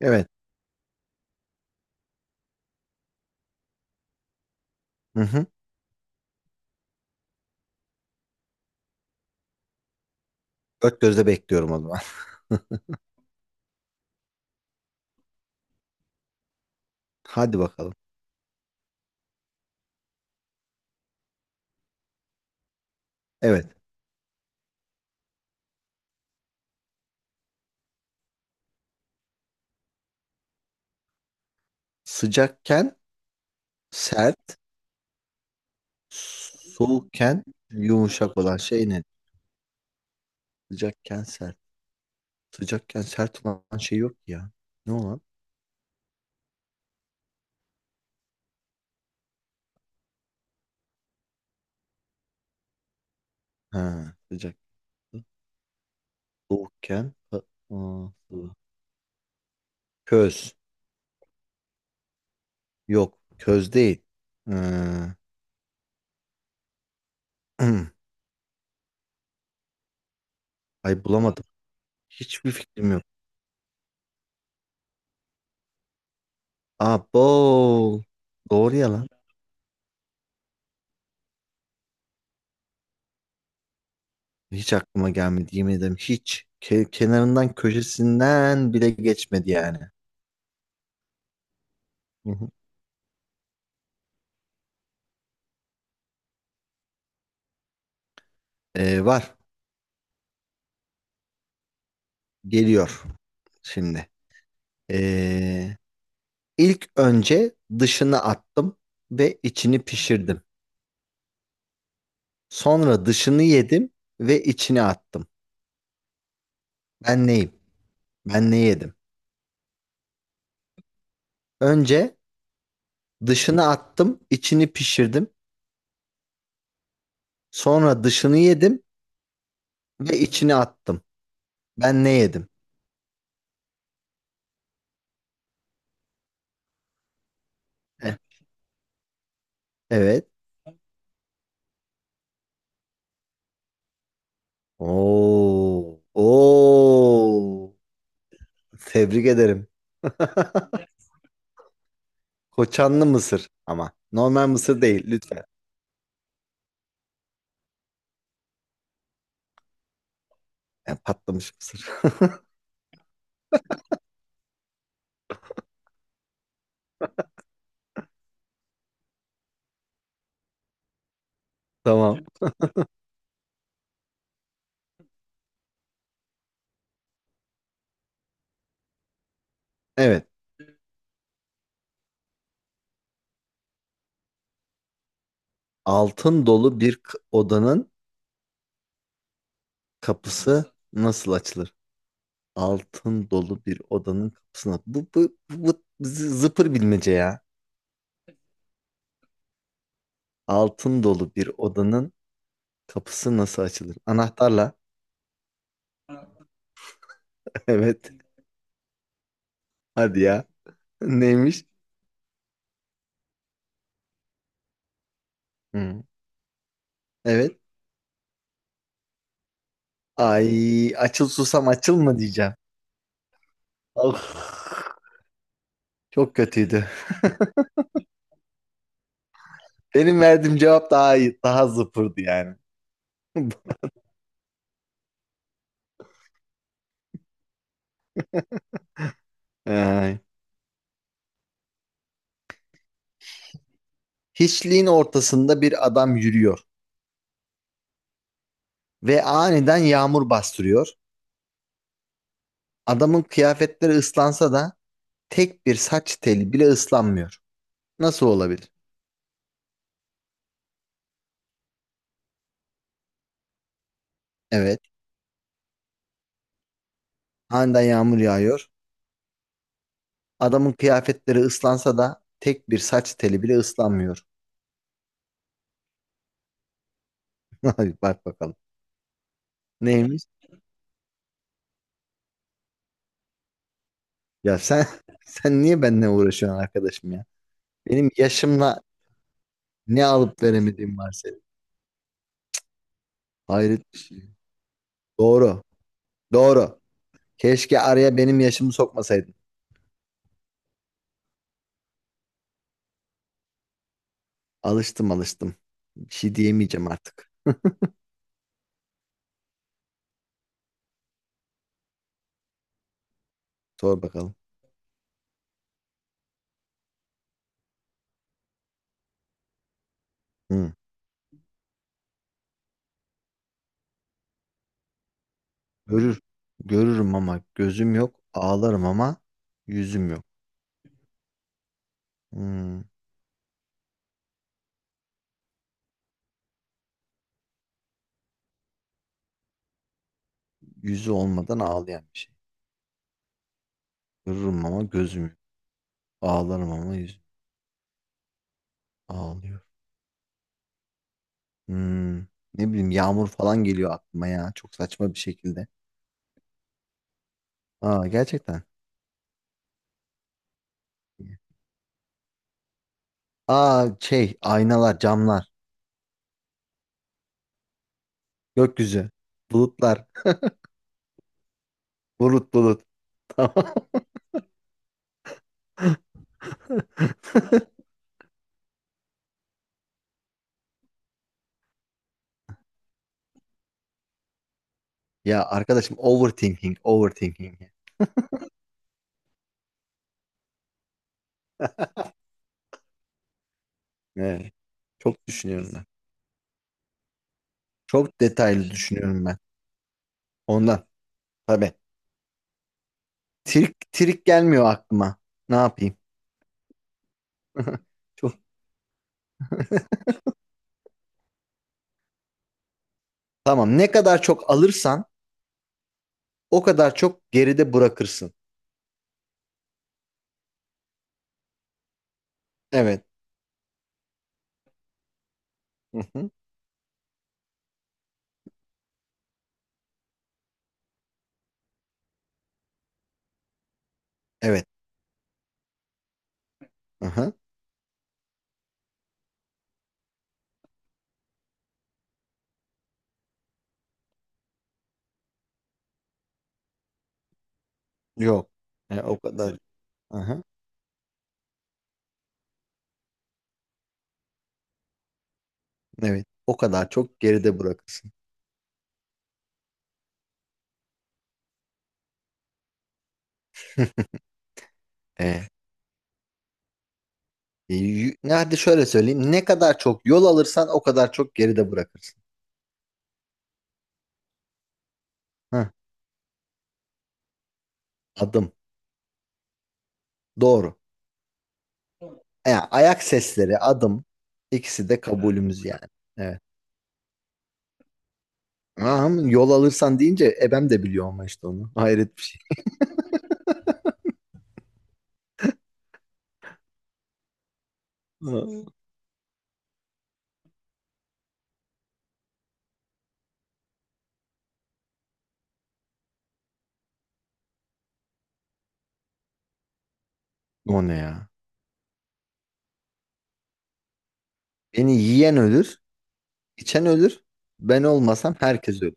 Evet. Hı hı. Dört gözle bekliyorum o zaman. Hadi bakalım. Evet. Sıcakken sert, soğukken yumuşak olan şey ne? Sıcakken sert. Sıcakken sert olan şey yok ki ya. Ne olan? Ha, sıcak. Soğukken ha, ıı, köz. Yok, köz değil. Ee, ay bulamadım. Hiçbir fikrim yok. Aa, bol. Doğru ya lan. Hiç aklıma gelmedi yemin ederim hiç. Kenarından köşesinden bile geçmedi yani. Hı hı. Var geliyor şimdi. Ee, ilk önce dışını attım ve içini pişirdim. Sonra dışını yedim ve içini attım. Ben neyim? Ben ne yedim? Önce dışını attım, içini pişirdim. Sonra dışını yedim ve içini attım. Ben ne yedim? Heh, evet. Oo, oo. Tebrik ederim. Koçanlı mısır ama. Normal mısır değil lütfen. Yani patlamış mısır. Tamam. Evet. Altın dolu bir odanın kapısı nasıl açılır? Altın dolu bir odanın kapısına. Bu zıpır bilmece ya. Altın dolu bir odanın kapısı nasıl açılır? Anahtarla. Evet. Hadi ya. Neymiş? Hı. Evet. Ay açıl susam açıl mı diyeceğim. Of, çok kötüydü. Benim verdiğim cevap daha iyi, daha zıpırdı yani. Ay. Hiçliğin ortasında bir adam yürüyor ve aniden yağmur bastırıyor. Adamın kıyafetleri ıslansa da tek bir saç teli bile ıslanmıyor. Nasıl olabilir? Evet, aniden yağmur yağıyor. Adamın kıyafetleri ıslansa da tek bir saç teli bile ıslanmıyor. Ay, bak bakalım. Neymiş? Ya sen sen niye benimle uğraşıyorsun arkadaşım ya? Benim yaşımla ne alıp veremediğim var senin. Hayret bir şey. Doğru. Doğru. Keşke araya benim yaşımı sokmasaydın. Alıştım alıştım. Bir şey diyemeyeceğim artık. Sor bakalım. Hı. Görür. Görürüm ama gözüm yok. Ağlarım ama yüzüm yok. Hı. Yüzü olmadan ağlayan bir şey. Görürüm ama gözüm yok. Ağlarım ama yüzüm ağlıyor. Hı. Ne bileyim yağmur falan geliyor aklıma ya. Çok saçma bir şekilde. Aa gerçekten. Aa şey aynalar, camlar, gökyüzü, bulutlar, bulut bulut. Tamam. Ya arkadaşım overthinking, overthinking. Evet. Çok düşünüyorum ben. Çok detaylı düşünüyorum ben. Ondan tabii. Trik, trik gelmiyor aklıma. Ne yapayım? Çok. Tamam. Ne kadar çok alırsan o kadar çok geride bırakırsın. Evet. Hı-hı. Evet. Hı-hı. Yok. E, o kadar. Hı-hı. Evet. O kadar çok geride bırakırsın. E, E, y- ne Hadi şöyle söyleyeyim. Ne kadar çok yol alırsan o kadar çok geride bırakırsın. Heh, adım. Doğru. Yani ayak sesleri, adım. İkisi de evet, kabulümüz yani. Evet. Aha, yol alırsan deyince ebem de biliyor ama işte onu. Hayret bir şey. Ha. O ne ya? Beni yiyen ölür, içen ölür. Ben olmasam herkes ölür.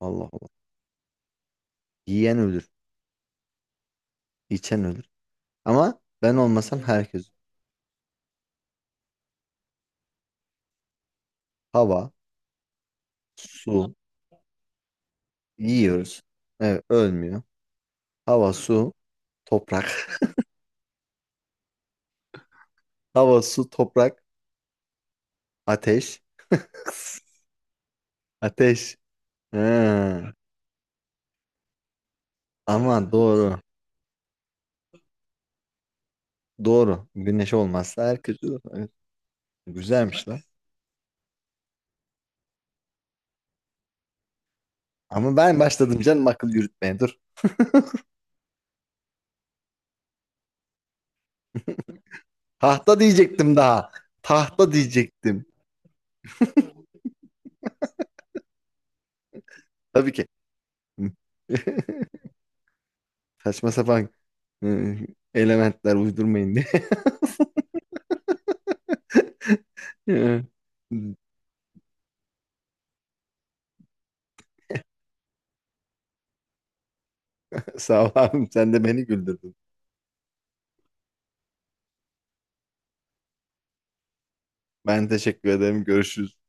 Allah Allah. Yiyen ölür, içen ölür. Ama ben olmasam herkes ölür. Hava, su, yiyoruz. Evet, ölmüyor. Hava, su, toprak. Hava, su, toprak, ateş. Ateş. Ha. Ama doğru. Doğru. Güneş olmazsa herkes... Evet, güzelmiş lan. Ama ben başladım canım akıl yürütmeye. Dur. Tahta diyecektim daha. Tahta diyecektim. Tabii ki. Saçma sapan hı, elementler uydurmayın diye. Sağ ol abim. Sen de beni güldürdün. Ben teşekkür ederim. Görüşürüz.